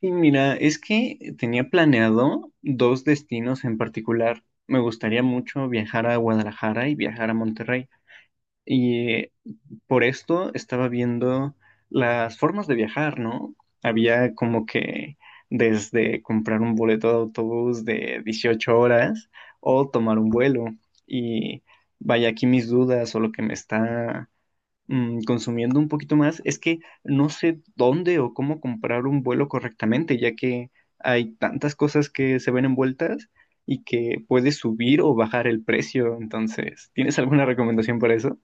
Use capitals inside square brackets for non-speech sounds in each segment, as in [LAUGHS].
Sí, mira, es que tenía planeado dos destinos en particular. Me gustaría mucho viajar a Guadalajara y viajar a Monterrey. Y por esto estaba viendo las formas de viajar, ¿no? Había como que desde comprar un boleto de autobús de 18 horas o tomar un vuelo. Y vaya, aquí mis dudas o lo que me está consumiendo un poquito más, es que no sé dónde o cómo comprar un vuelo correctamente, ya que hay tantas cosas que se ven envueltas y que puede subir o bajar el precio. Entonces, ¿tienes alguna recomendación para eso?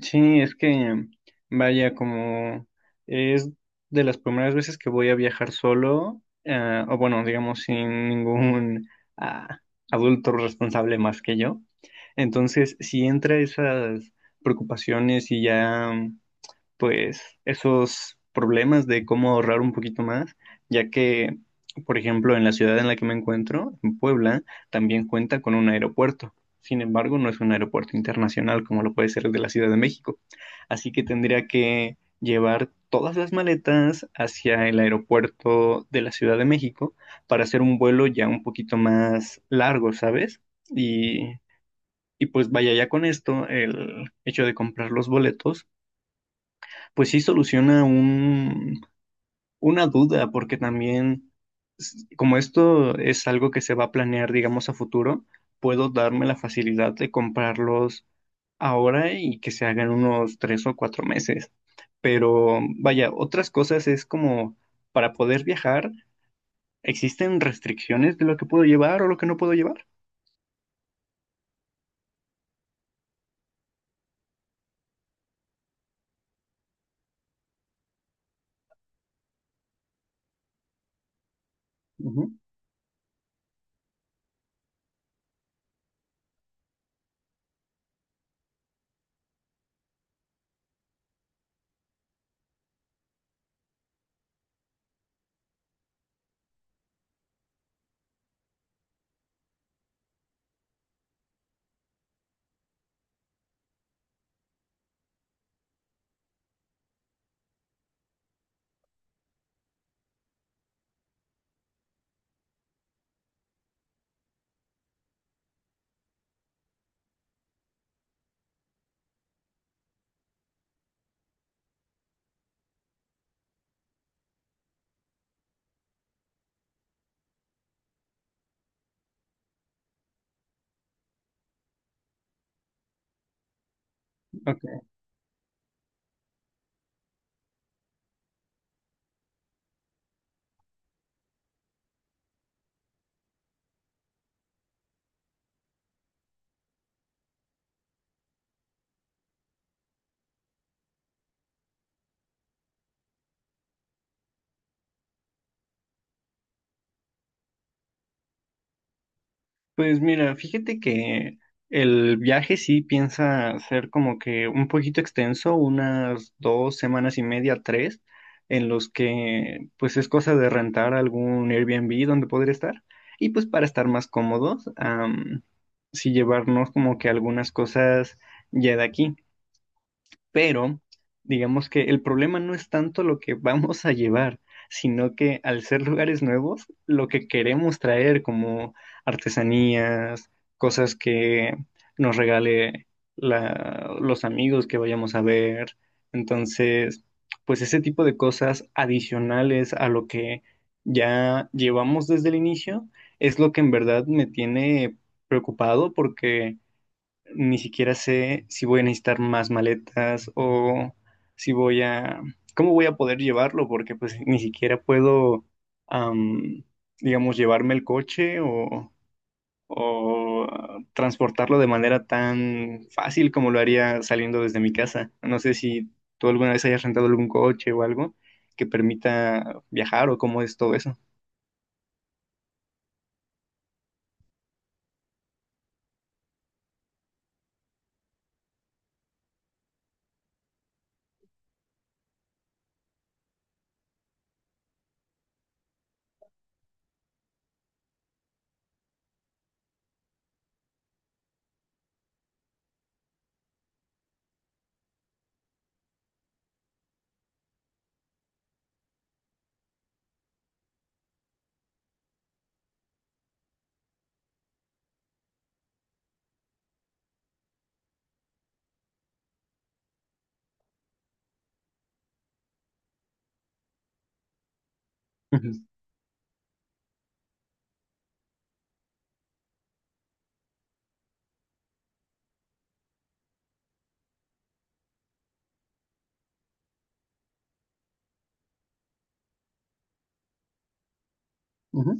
Sí, es que, vaya, como es de las primeras veces que voy a viajar solo, o bueno, digamos, sin ningún ah, adulto responsable más que yo. Entonces, si entra esas preocupaciones y ya pues esos problemas de cómo ahorrar un poquito más, ya que, por ejemplo, en la ciudad en la que me encuentro, en Puebla, también cuenta con un aeropuerto. Sin embargo, no es un aeropuerto internacional como lo puede ser el de la Ciudad de México. Así que tendría que llevar todas las maletas hacia el aeropuerto de la Ciudad de México para hacer un vuelo ya un poquito más largo, ¿sabes? Y, y pues vaya, ya con esto, el hecho de comprar los boletos pues sí soluciona una duda, porque también, como esto es algo que se va a planear, digamos, a futuro, puedo darme la facilidad de comprarlos ahora y que se hagan unos 3 o 4 meses. Pero vaya, otras cosas es como para poder viajar, ¿existen restricciones de lo que puedo llevar o lo que no puedo llevar? Ujú, ok. Pues mira, fíjate que el viaje sí piensa ser como que un poquito extenso, unas 2 semanas y media, 3, en los que pues es cosa de rentar algún Airbnb donde poder estar. Y pues para estar más cómodos, sí llevarnos como que algunas cosas ya de aquí pero digamos que el problema no es tanto lo que vamos a llevar, sino que al ser lugares nuevos, lo que queremos traer como artesanías, cosas que nos regale los amigos que vayamos a ver. Entonces, pues ese tipo de cosas adicionales a lo que ya llevamos desde el inicio es lo que en verdad me tiene preocupado porque ni siquiera sé si voy a necesitar más maletas o si voy cómo voy a poder llevarlo, porque pues ni siquiera puedo, am, digamos, llevarme el coche o transportarlo de manera tan fácil como lo haría saliendo desde mi casa. No sé si tú alguna vez hayas rentado algún coche o algo que permita viajar o cómo es todo eso. Ujú, ujú.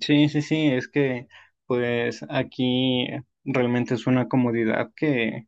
Sí, sí, sí, es que pues aquí realmente es una comodidad que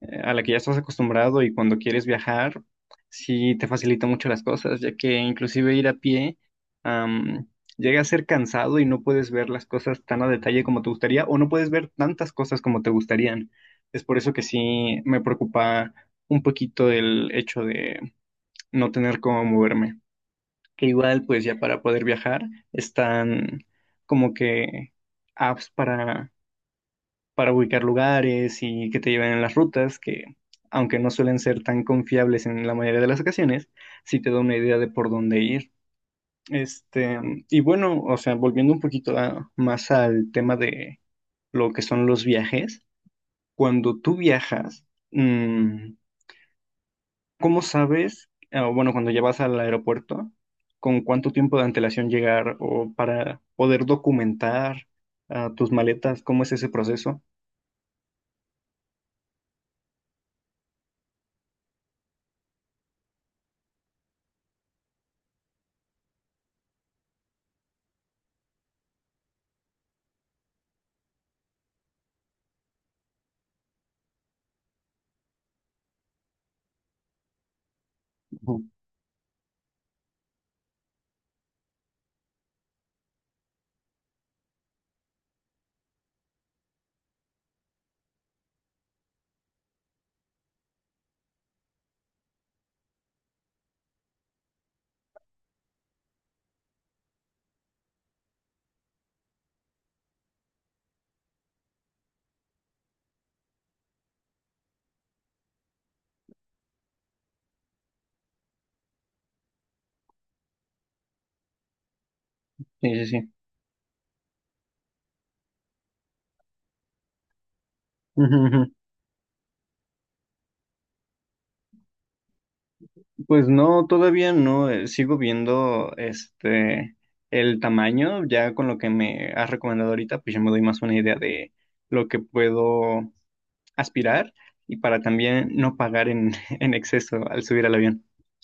a la que ya estás acostumbrado y cuando quieres viajar, sí te facilita mucho las cosas, ya que inclusive ir a pie, am, llega a ser cansado y no puedes ver las cosas tan a detalle como te gustaría o no puedes ver tantas cosas como te gustarían. Es por eso que sí me preocupa un poquito el hecho de no tener cómo moverme. Que igual, pues ya para poder viajar están como que apps para ubicar lugares y que te lleven en las rutas, que aunque no suelen ser tan confiables en la mayoría de las ocasiones, sí te da una idea de por dónde ir. Este, y bueno, o sea, volviendo un poquito más al tema de lo que son los viajes, cuando tú viajas, mm, ¿cómo sabes, bueno, cuando ya vas al aeropuerto, con cuánto tiempo de antelación llegar o para poder documentar, tus maletas? ¿Cómo es ese proceso? Ujú. Sí, sí, sí. [LAUGHS] Pues no, todavía no, sigo viendo este el tamaño, ya con lo que me has recomendado ahorita, pues ya me doy más una idea de lo que puedo aspirar y para también no pagar en, [LAUGHS] en exceso al subir al avión.